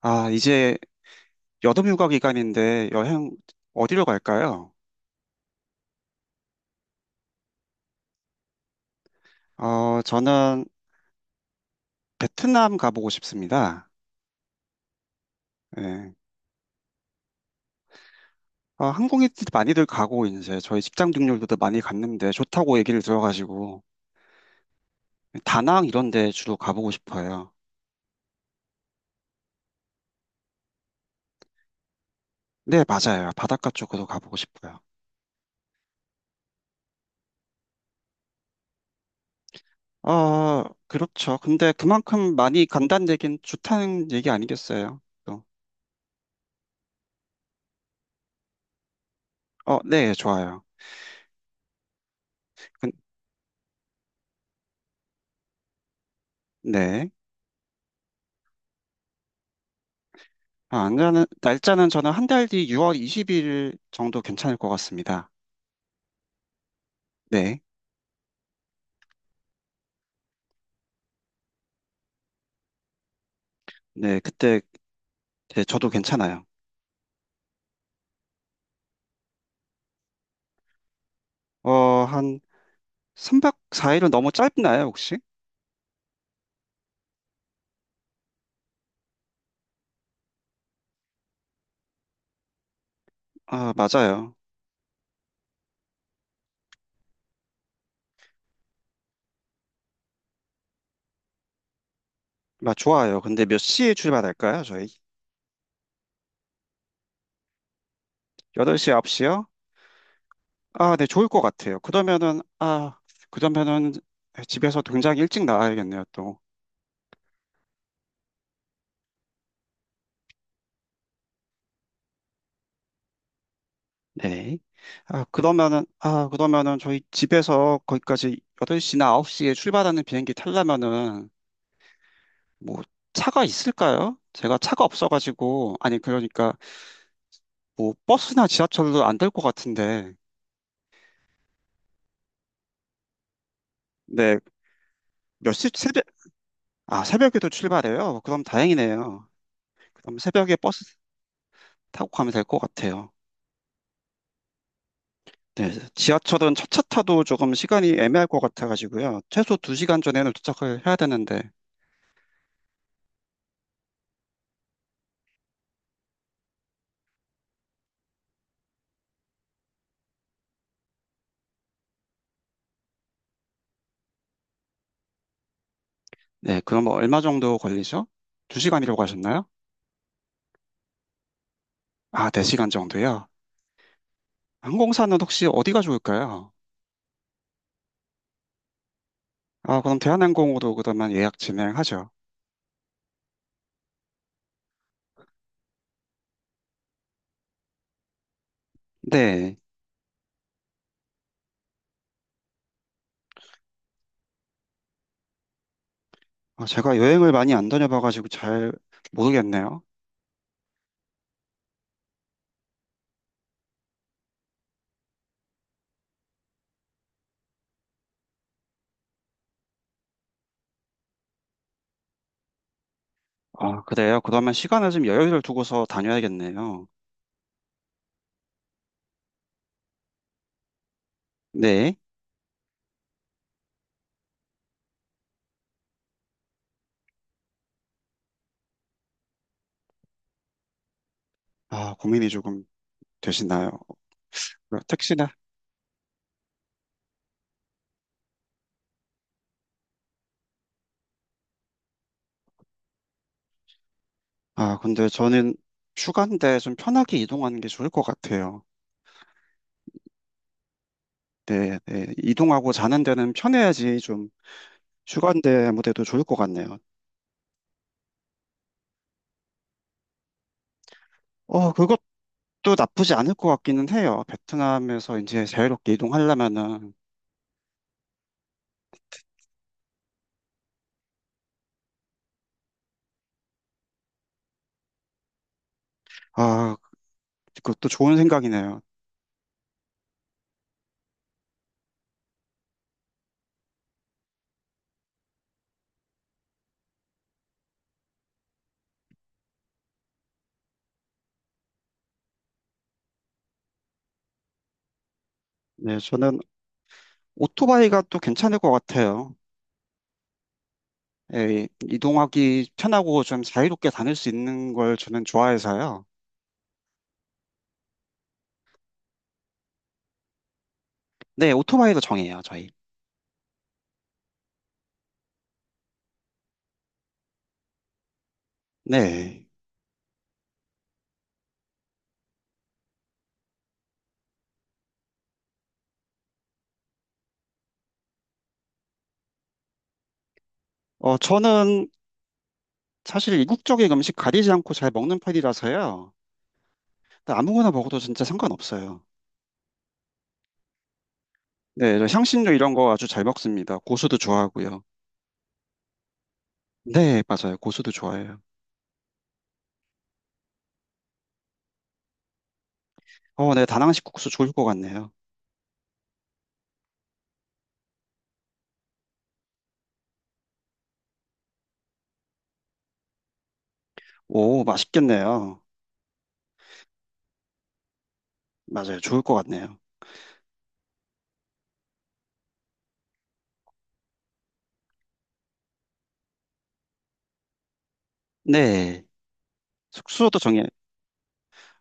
아, 이제 여름 휴가 기간인데 여행 어디로 갈까요? 어, 저는 베트남 가보고 싶습니다. 예. 아, 한국인들 많이들 가고 이제 저희 직장 동료들도 많이 갔는데 좋다고 얘기를 들어가지고 다낭 이런 데 주로 가보고 싶어요. 네, 맞아요. 바닷가 쪽으로 가보고 싶어요. 아, 그렇죠. 근데 그만큼 많이 간다는 얘기는 좋다는 얘기 아니겠어요? 또. 어, 네, 좋아요. 근- 네. 아, 안 가는, 날짜는 저는 한 달 뒤 6월 20일 정도 괜찮을 것 같습니다. 네. 네, 그때, 네, 저도 괜찮아요. 어, 한 3박 4일은 너무 짧나요, 혹시? 아, 맞아요. 아, 좋아요. 근데 몇 시에 출발할까요, 저희? 8시, 9시요? 아, 네, 좋을 것 같아요. 그러면은, 아, 그러면은 집에서 굉장히 일찍 나와야겠네요, 또. 네. 아, 그러면은, 아, 그러면은 저희 집에서 거기까지 8시나 9시에 출발하는 비행기 타려면은 뭐 차가 있을까요? 제가 차가 없어가지고 아니 그러니까 뭐 버스나 지하철도 안 될 것 같은데 네. 몇 시 새벽. 아, 새벽에도 출발해요? 그럼 다행이네요. 그럼 새벽에 버스 타고 가면 될 것 같아요. 네, 지하철은 첫차 타도 조금 시간이 애매할 것 같아가지고요. 최소 2시간 전에는 도착을 해야 되는데. 네, 그럼 뭐 얼마 정도 걸리죠? 2시간이라고 하셨나요? 아, 4시간 정도요? 항공사는 혹시 어디가 좋을까요? 아, 그럼 대한항공으로 그러면 예약 진행하죠. 네. 아, 제가 여행을 많이 안 다녀봐가지고 잘 모르겠네요. 아, 그래요? 그러면 시간을 좀 여유를 두고서 다녀야겠네요. 네. 아, 고민이 조금 되시나요? 네, 택시나? 아, 근데 저는 휴가인데 좀 편하게 이동하는 게 좋을 것 같아요. 네, 네. 이동하고 자는 데는 편해야지 좀 휴가인데 아무데도 좋을 것 같네요. 어, 그것도 나쁘지 않을 것 같기는 해요. 베트남에서 이제 자유롭게 이동하려면은. 아, 그것도 좋은 생각이네요. 네, 저는 오토바이가 또 괜찮을 것 같아요. 예, 이동하기 편하고 좀 자유롭게 다닐 수 있는 걸 저는 좋아해서요. 네, 오토바이로 정해요, 저희. 네. 어, 저는 사실 이국적인 음식 가리지 않고 잘 먹는 편이라서요. 아무거나 먹어도 진짜 상관없어요. 네, 저 향신료 이런 거 아주 잘 먹습니다. 고수도 좋아하고요. 네, 맞아요. 고수도 좋아해요. 어, 네, 다낭식 국수 좋을 것 같네요. 오, 맛있겠네요. 맞아요. 좋을 것 같네요. 네. 숙소도 정해.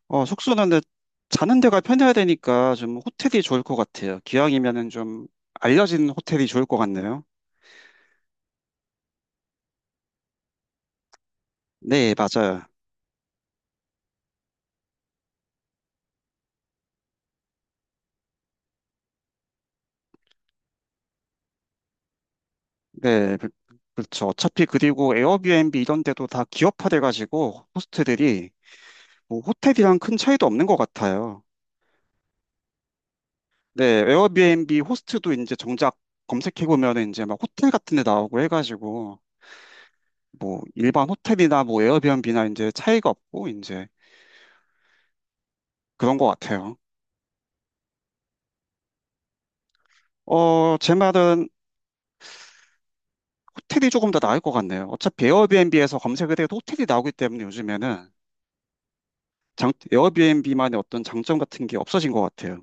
어, 숙소는 근데 자는 데가 편해야 되니까 좀 호텔이 좋을 것 같아요. 기왕이면은 좀 알려진 호텔이 좋을 것 같네요. 네, 맞아요. 네, 그렇죠. 어차피 그리고 에어비앤비 이런 데도 다 기업화돼가지고 호스트들이 뭐 호텔이랑 큰 차이도 없는 것 같아요. 네, 에어비앤비 호스트도 이제 정작 검색해보면 이제 막 호텔 같은 데 나오고 해가지고 뭐 일반 호텔이나 뭐 에어비앤비나 이제 차이가 없고 이제 그런 것 같아요. 어, 제 말은 호텔이 조금 더 나을 것 같네요. 어차피 에어비앤비에서 검색을 해도 호텔이 나오기 때문에 요즘에는 에어비앤비만의 어떤 장점 같은 게 없어진 것 같아요.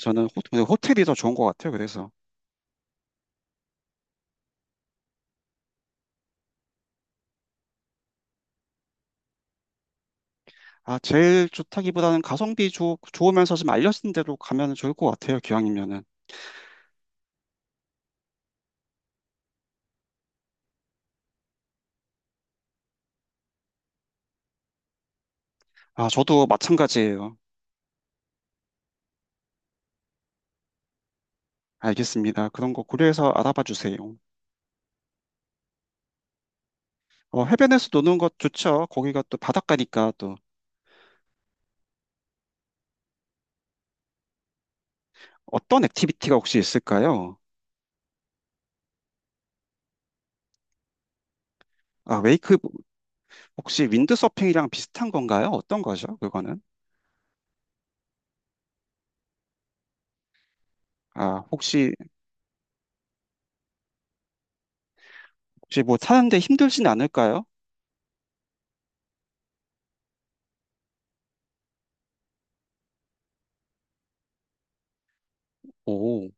저는 호텔이 더 좋은 것 같아요. 그래서. 아, 제일 좋다기보다는 가성비 좋으면서 좀 알려진 대로 가면 좋을 것 같아요. 기왕이면은. 아, 저도 마찬가지예요. 알겠습니다. 그런 거 고려해서 알아봐 주세요. 어, 해변에서 노는 것 좋죠. 거기가 또 바닷가니까 또. 어떤 액티비티가 혹시 있을까요? 아, 웨이크. 혹시 윈드서핑이랑 비슷한 건가요? 어떤 거죠? 그거는? 아, 혹시 뭐 사는데 힘들진 않을까요? 오.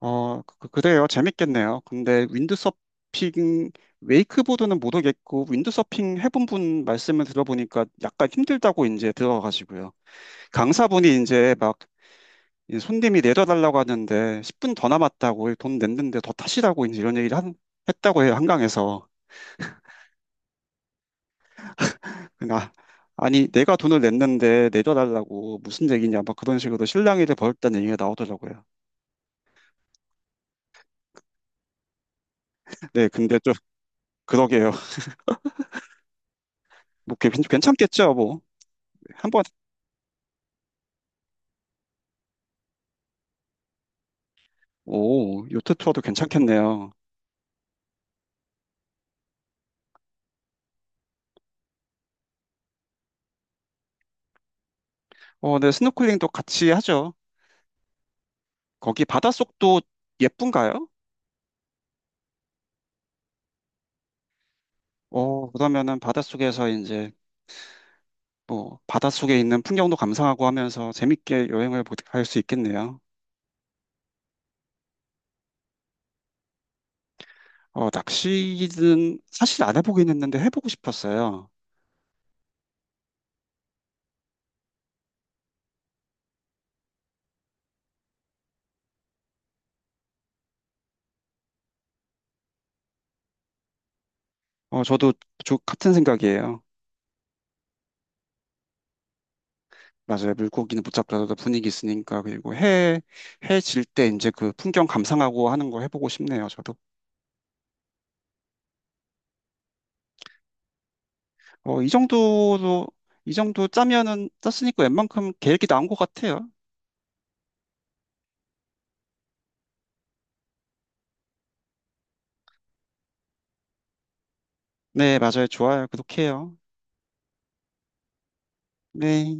어, 그래요. 재밌겠네요. 근데 윈드서핑, 웨이크보드는 모르겠고, 윈드서핑 해본 분 말씀을 들어보니까 약간 힘들다고 이제 들어가시고요. 강사분이 이제 막 이 손님이 내려달라고 하는데 10분 더 남았다고 돈 냈는데 더 타시라고 이제 이런 얘기를 했다고 해요. 한강에서. 근데 아, 아니, 내가 돈을 냈는데 내려달라고 무슨 얘기냐. 막 그런 식으로 실랑이를 벌였다는 얘기가 나오더라고요. 네, 근데 좀 그러게요. 뭐 괜찮겠죠, 뭐. 한번. 오, 요트 투어도 괜찮겠네요. 어, 네, 스노클링도 같이 하죠. 거기 바닷속도 예쁜가요? 어, 그러면은 바닷속에서 이제 뭐 바닷속에 있는 풍경도 감상하고 하면서 재밌게 여행을 할 수 있겠네요. 어, 낚시는 사실 안 해보긴 했는데 해보고 싶었어요. 어, 저도 저 같은 생각이에요. 맞아요. 물고기는 못 잡더라도 분위기 있으니까 그리고 해 해질 때 이제 그 풍경 감상하고 하는 거 해보고 싶네요. 저도. 어, 이 정도 짜면은 짰으니까 웬만큼 계획이 나온 것 같아요. 네, 맞아요. 좋아요. 구독해요. 네.